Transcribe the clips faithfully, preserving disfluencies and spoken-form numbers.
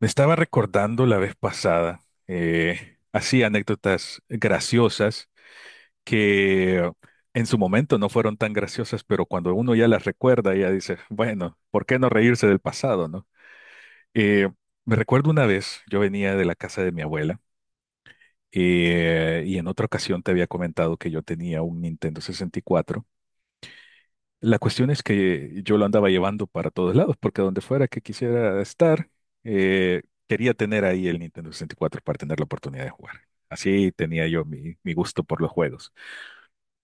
Me estaba recordando la vez pasada, eh, así anécdotas graciosas que en su momento no fueron tan graciosas, pero cuando uno ya las recuerda, ya dice, bueno, ¿por qué no reírse del pasado, no? Eh, Me recuerdo una vez, yo venía de la casa de mi abuela, eh, y en otra ocasión te había comentado que yo tenía un Nintendo sesenta y cuatro. La cuestión es que yo lo andaba llevando para todos lados, porque donde fuera que quisiera estar, eh, quería tener ahí el Nintendo sesenta y cuatro para tener la oportunidad de jugar. Así tenía yo mi, mi gusto por los juegos.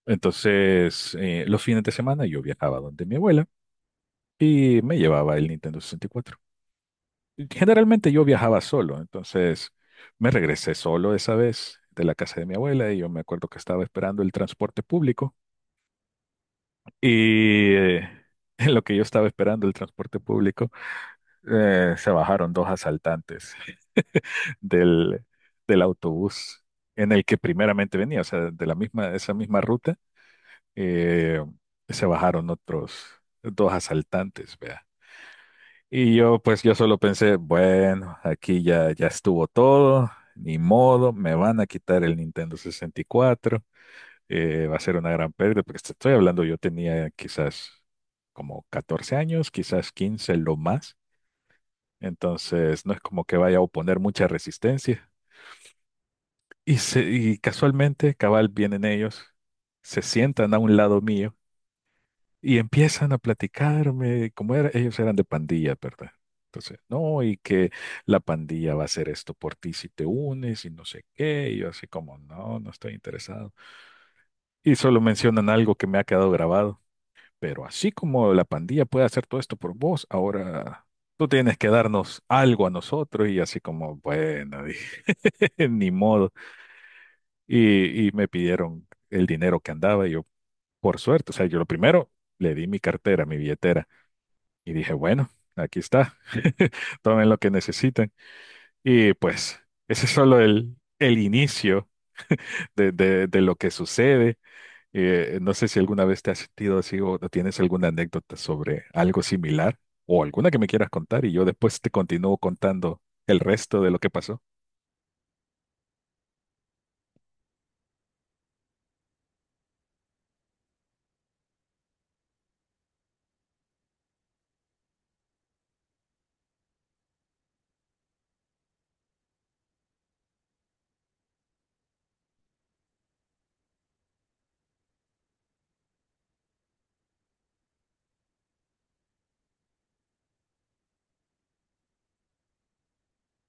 Entonces, eh, los fines de semana yo viajaba donde mi abuela y me llevaba el Nintendo sesenta y cuatro. Generalmente yo viajaba solo, entonces me regresé solo esa vez de la casa de mi abuela y yo me acuerdo que estaba esperando el transporte público y... eh, En lo que yo estaba esperando el transporte público, eh, se bajaron dos asaltantes del, del autobús en el que primeramente venía, o sea, de la misma, esa misma ruta, eh, se bajaron otros dos asaltantes, vea. Y yo, pues, yo solo pensé, bueno, aquí ya, ya estuvo todo, ni modo, me van a quitar el Nintendo sesenta y cuatro, eh, va a ser una gran pérdida, porque te estoy hablando, yo tenía quizás como catorce años, quizás quince lo más. Entonces, no es como que vaya a oponer mucha resistencia. Y, se- y casualmente, cabal, vienen ellos, se sientan a un lado mío y empiezan a platicarme, como era, ellos eran de pandilla, ¿verdad? Entonces, no, y que la pandilla va a hacer esto por ti si te unes y no sé qué. Y yo así como, no, no estoy interesado. Y solo mencionan algo que me ha quedado grabado. Pero así como la pandilla puede hacer todo esto por vos, ahora tú tienes que darnos algo a nosotros y así como, bueno, ni modo. Y, y me pidieron el dinero que andaba y yo, por suerte, o sea, yo lo primero le di mi cartera, mi billetera y dije, bueno, aquí está, tomen lo que necesiten. Y pues ese es solo el, el inicio de, de, de lo que sucede. Eh, no sé si alguna vez te has sentido así o tienes alguna anécdota sobre algo similar o alguna que me quieras contar y yo después te continúo contando el resto de lo que pasó.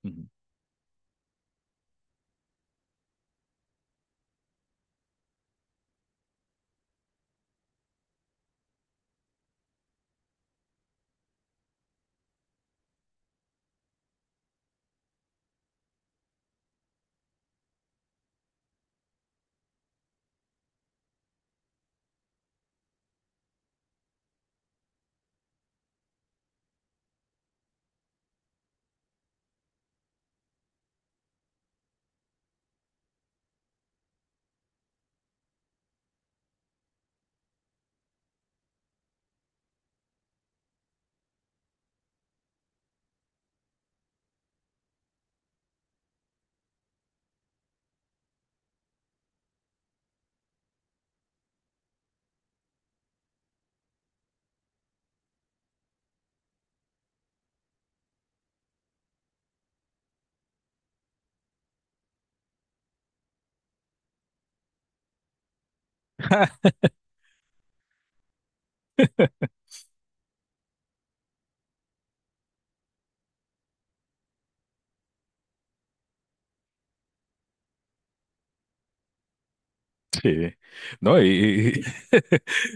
Ujú. Sí, no, y,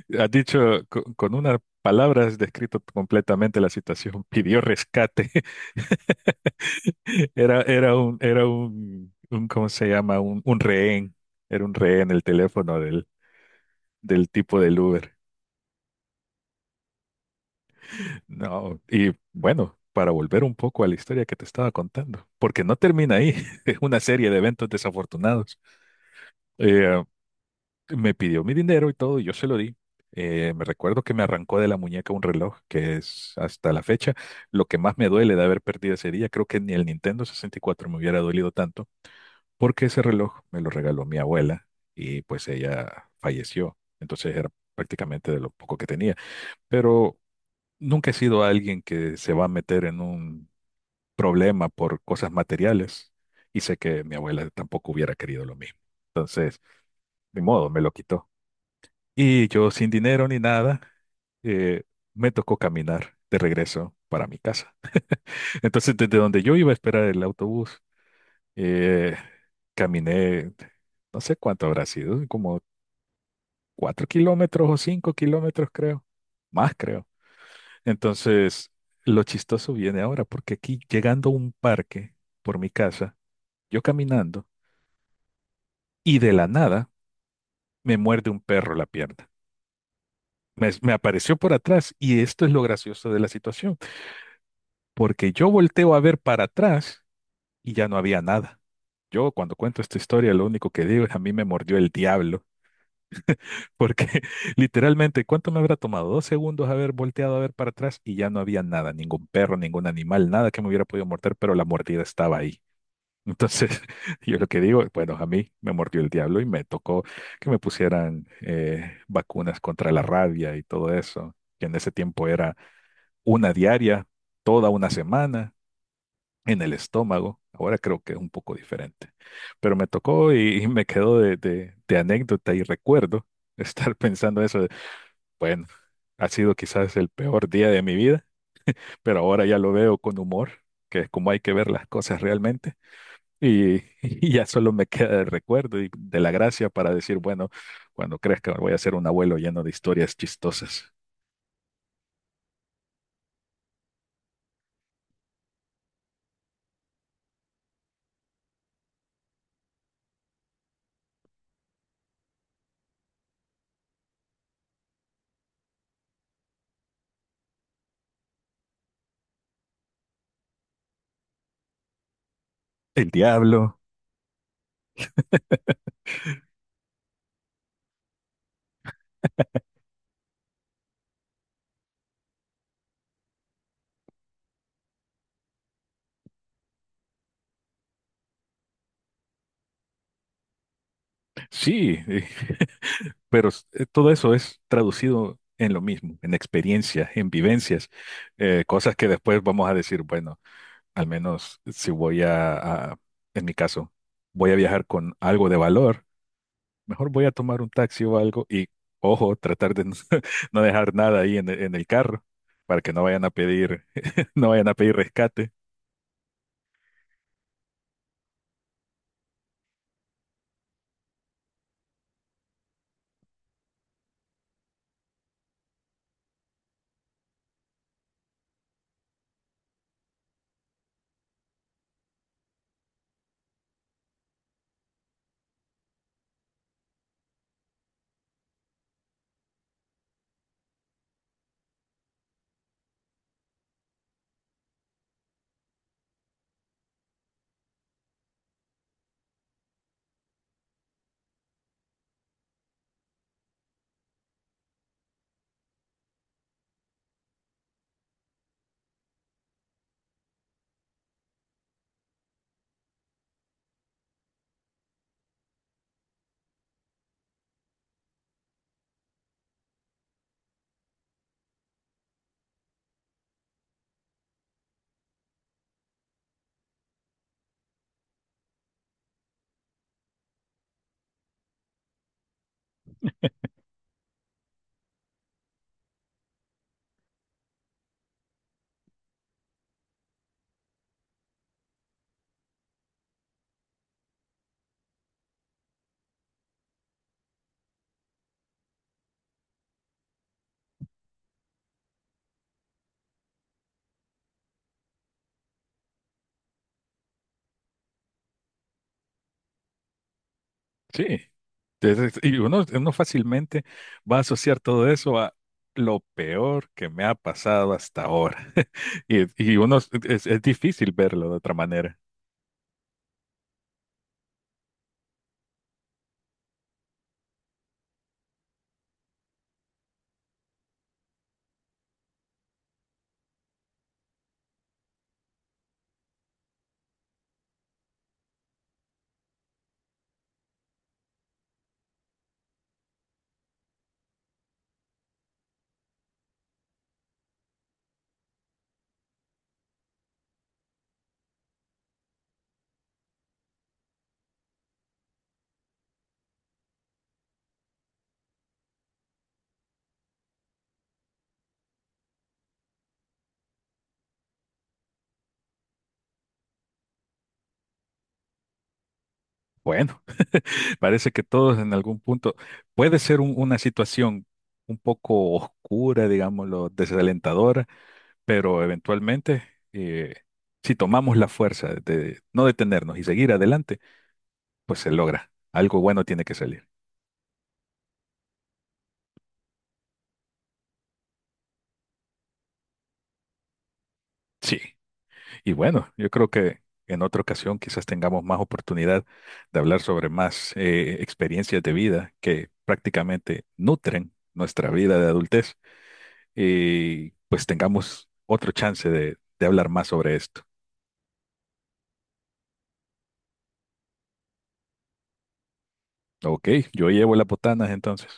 y has dicho co- con, unas palabras has descrito completamente la situación. Pidió rescate. Era, era un, era un, un, ¿cómo se llama? Un, un rehén. Era un rehén el teléfono del, del tipo del Uber. No, y bueno, para volver un poco a la historia que te estaba contando, porque no termina ahí. Es una serie de eventos desafortunados. Eh, Me pidió mi dinero y todo, y yo se lo di. Eh, me recuerdo que me arrancó de la muñeca un reloj, que es hasta la fecha lo que más me duele de haber perdido ese día. Creo que ni el Nintendo sesenta y cuatro me hubiera dolido tanto, porque ese reloj me lo regaló mi abuela y pues ella falleció. Entonces era prácticamente de lo poco que tenía. Pero nunca he sido alguien que se va a meter en un problema por cosas materiales y sé que mi abuela tampoco hubiera querido lo mismo. Entonces, ni modo, me lo quitó. Y yo sin dinero ni nada, eh, me tocó caminar de regreso para mi casa. Entonces, desde donde yo iba a esperar el autobús, eh, caminé, no sé cuánto habrá sido, como cuatro kilómetros o cinco kilómetros, creo, más creo. Entonces, lo chistoso viene ahora, porque aquí llegando a un parque por mi casa, yo caminando, y de la nada me muerde un perro la pierna. Me, me apareció por atrás y esto es lo gracioso de la situación, porque yo volteo a ver para atrás y ya no había nada. Yo cuando cuento esta historia, lo único que digo es a mí me mordió el diablo, porque literalmente, ¿cuánto me habrá tomado? Dos segundos haber volteado a ver para atrás y ya no había nada, ningún perro, ningún animal, nada que me hubiera podido morder, pero la mordida estaba ahí. Entonces, yo lo que digo, bueno, a mí me mordió el diablo y me tocó que me pusieran eh, vacunas contra la rabia y todo eso, que en ese tiempo era una diaria, toda una semana en el estómago. Ahora creo que es un poco diferente, pero me tocó y, y me quedó de, de- de anécdota y recuerdo estar pensando eso de, bueno, ha sido quizás el peor día de mi vida, pero ahora ya lo veo con humor, que es como hay que ver las cosas realmente, y, y ya solo me queda el recuerdo y de la gracia para decir, bueno, cuando crezca voy a ser un abuelo lleno de historias chistosas. El diablo, sí, pero s- eh, todo eso es traducido en lo mismo, en experiencias, en vivencias, eh, cosas que después vamos a decir, bueno, al menos si voy a, a- en mi caso, voy a viajar con algo de valor, mejor voy a tomar un taxi o algo y, ojo, tratar de no, no dejar nada ahí en, el- en el carro para que no vayan a pedir, no vayan a pedir rescate. Sí. Entonces, y uno, uno fácilmente va a asociar todo eso a lo peor que me ha pasado hasta ahora. Y, y uno es, es difícil verlo de otra manera. Bueno, parece que todos en algún punto puede ser un- una situación un poco oscura, digámoslo, desalentadora, pero eventualmente, eh, si tomamos la fuerza de no detenernos y seguir adelante, pues se logra. Algo bueno tiene que salir. Sí. Y bueno, yo creo que en otra ocasión quizás tengamos más oportunidad de hablar sobre más eh, experiencias de vida que prácticamente nutren nuestra vida de adultez y pues tengamos otro chance de, de hablar más sobre esto. Ok, yo llevo las botanas entonces.